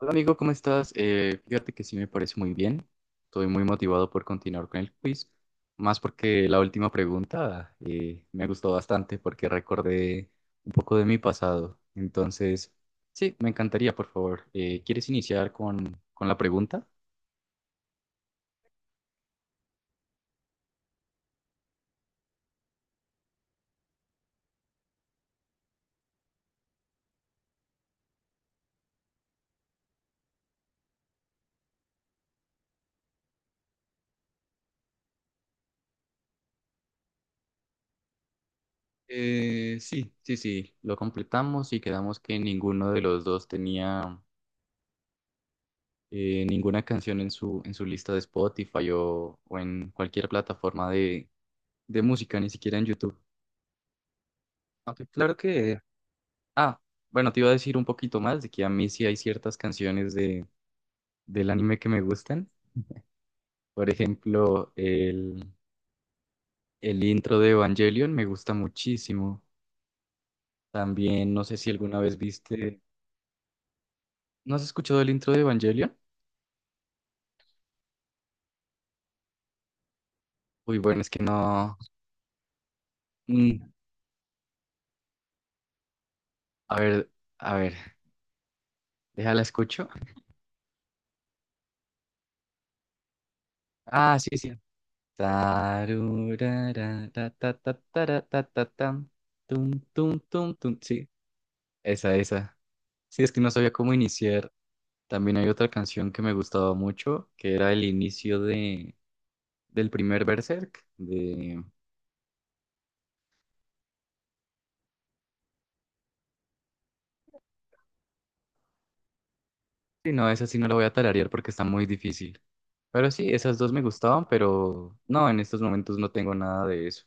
Hola amigo, ¿cómo estás? Fíjate que sí me parece muy bien. Estoy muy motivado por continuar con el quiz, más porque la última pregunta me gustó bastante porque recordé un poco de mi pasado. Entonces, sí, me encantaría, por favor. ¿Quieres iniciar con la pregunta? Sí, sí, sí, lo completamos y quedamos que ninguno de los dos tenía ninguna canción en su lista de Spotify o en cualquier plataforma de música, ni siquiera en YouTube. Ok, claro que... Ah, bueno, te iba a decir un poquito más de que a mí sí hay ciertas canciones del anime que me gustan. Por ejemplo, el intro de Evangelion me gusta muchísimo. También, no sé si alguna vez viste... ¿No has escuchado el intro de Evangelion? Uy, bueno, es que no... mm, a ver, a ver, déjala escucho. Ah, sí, sí. Tarurara, ta, ta, ta, tara, ta, ta, tam, tum, tum, tum, tum. Sí, esa, esa. Sí, es que no sabía cómo iniciar. También hay otra canción que me gustaba mucho, que era el inicio del primer Berserk. De... Sí, no, esa sí no la voy a tararear porque está muy difícil. Pero sí, esas dos me gustaban, pero no, en estos momentos no tengo nada de eso.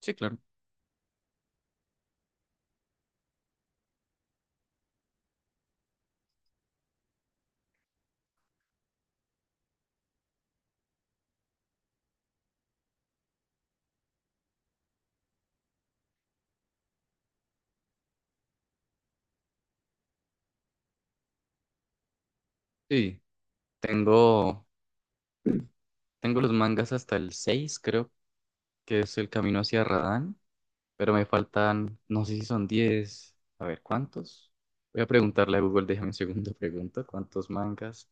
Sí, claro. Sí, tengo, tengo los mangas hasta el seis, creo que es el camino hacia Radán, pero me faltan, no sé si son diez, a ver, ¿cuántos? Voy a preguntarle a Google, déjame un segundo, pregunto, ¿cuántos mangas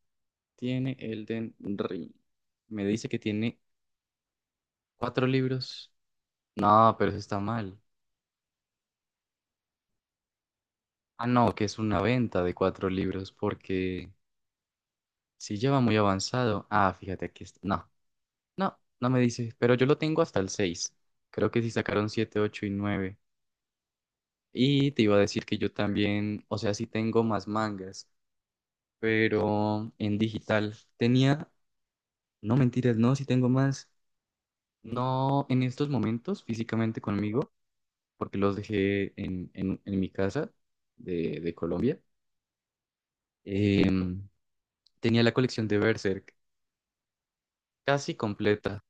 tiene Elden Ring? Me dice que tiene cuatro libros. No, pero eso está mal. Ah, no, que es una venta de cuatro libros porque si ya va muy avanzado. Ah, fíjate, aquí está. No, no, no me dice, pero yo lo tengo hasta el seis. Creo que sí sacaron siete, 8 y nueve. Y te iba a decir que yo también, o sea, sí tengo más mangas, pero en digital. Tenía, no mentiras, no, sí tengo más. No en estos momentos físicamente conmigo, porque los dejé en mi casa de Colombia. Em, tenía la colección de Berserk casi completa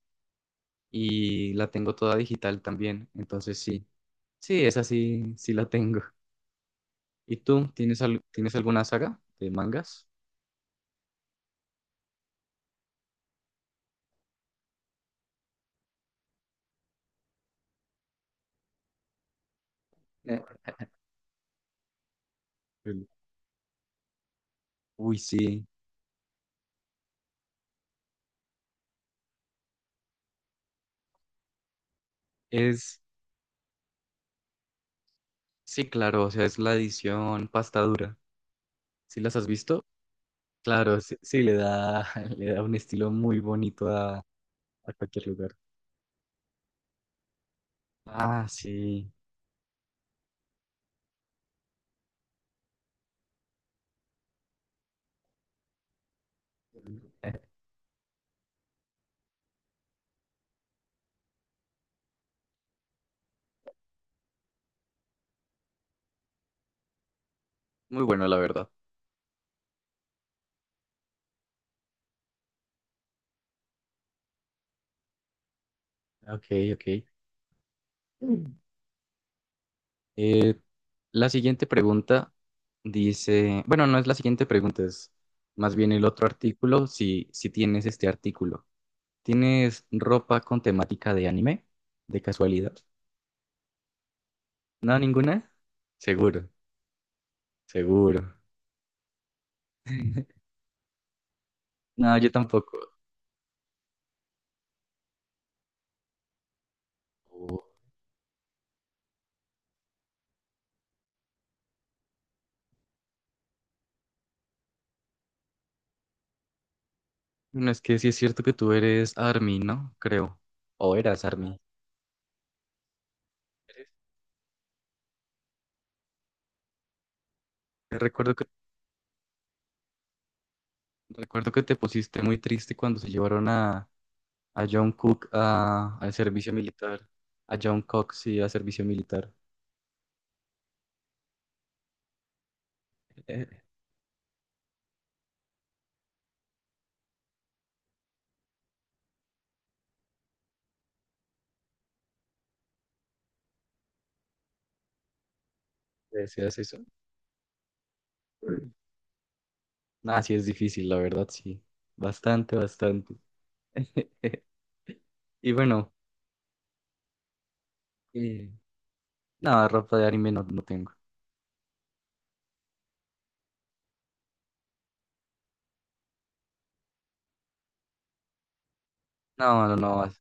y la tengo toda digital también. Entonces sí, sí, esa sí, sí la tengo. ¿Y tú tienes, tienes alguna saga de mangas? Eh. El- Uy, sí, es, sí, claro, o sea, es la edición pasta dura. ¿Sí las has visto? Claro, sí, sí, le da, le da un estilo muy bonito a cualquier lugar. Ah, sí. Muy bueno, la verdad. Ok, ok. Mm. Eh, la siguiente pregunta dice, bueno, no es la siguiente pregunta, es más bien el otro artículo, si, si tienes este artículo. ¿Tienes ropa con temática de anime? ¿De casualidad? No, ninguna. Seguro, seguro. No, yo tampoco. Oh. Bueno, es que sí es cierto que tú eres ARMY, ¿no? Creo. O eras ARMY. Eres. Recuerdo que, recuerdo que te pusiste muy triste cuando se llevaron a John Cook al servicio militar, a John Cox, sí, a servicio militar. Eh, ¿Decías eso? Nah, sí es difícil, la verdad, sí. Bastante, bastante. Y bueno, eh, nada, ropa de anime no, no tengo. No, no, no, as-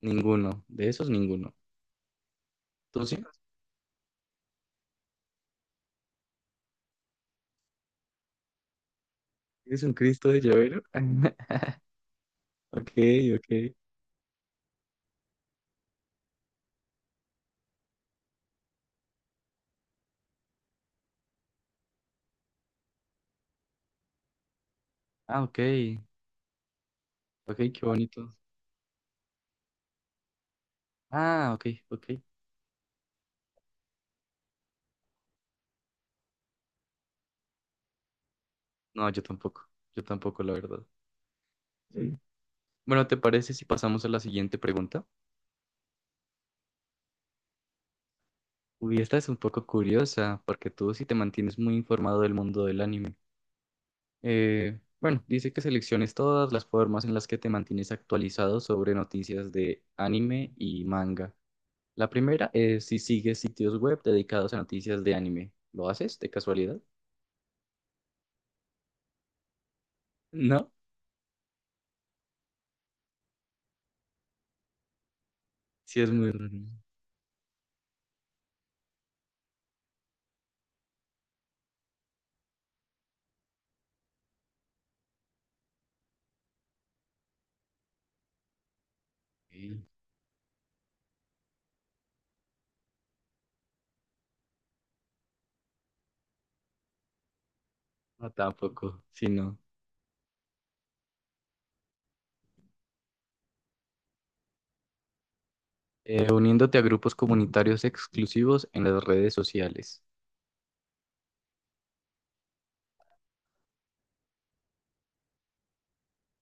ninguno. De esos, ninguno. ¿Tú sí? ¿Eres un Cristo de llavero? Ok, ok. Ah, ok. Ok, qué bonito. Ah, ok, ok. No, yo tampoco. Yo tampoco, la verdad. Sí. Bueno, ¿te parece si pasamos a la siguiente pregunta? Uy, esta es un poco curiosa, porque tú sí te mantienes muy informado del mundo del anime. Bueno, dice que selecciones todas las formas en las que te mantienes actualizado sobre noticias de anime y manga. La primera es si sigues sitios web dedicados a noticias de anime. ¿Lo haces de casualidad? No, sí es muy raro. Sí, no, tampoco, sí, no. Uniéndote a grupos comunitarios exclusivos en las redes sociales.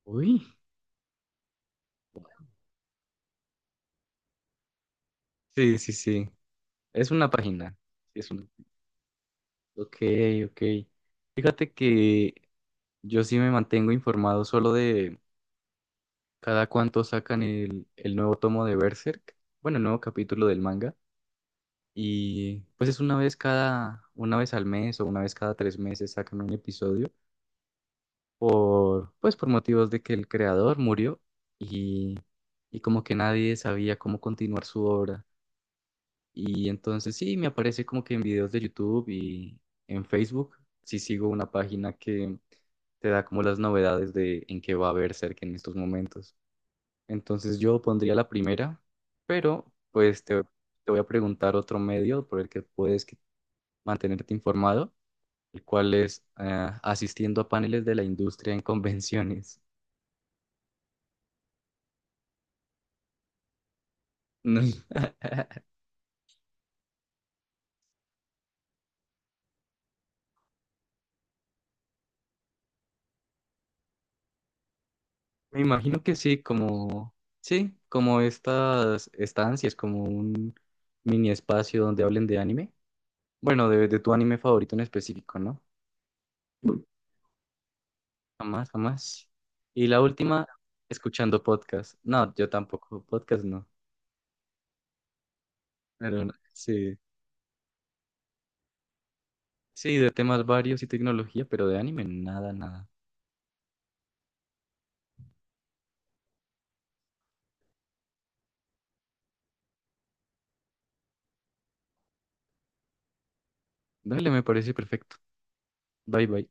Uy, sí, sí, sí. Es una página. Sí es una. Ok, ok. Fíjate que yo sí me mantengo informado solo de cada cuánto sacan el nuevo tomo de Berserk, bueno, el nuevo capítulo del manga. Y pues es una vez cada, una vez al mes o una vez cada tres meses sacan un episodio por, pues por motivos de que el creador murió y, y como que nadie sabía cómo continuar su obra. Y entonces sí, me aparece como que en videos de YouTube y en Facebook, sí sigo una página que te da como las novedades de en qué va a haber cerca en estos momentos. Entonces yo pondría la primera, pero pues te voy a preguntar otro medio por el que puedes que- mantenerte informado, el cual es asistiendo a paneles de la industria en convenciones. No. Me imagino que sí, como estas estancias, como un mini espacio donde hablen de anime. Bueno, de tu anime favorito en específico, ¿no? Jamás, jamás. Y la última, escuchando podcast. No, yo tampoco, podcast no. Pero sí, sí, de temas varios y tecnología, pero de anime, nada, nada. Dale, me parece perfecto. Bye, bye.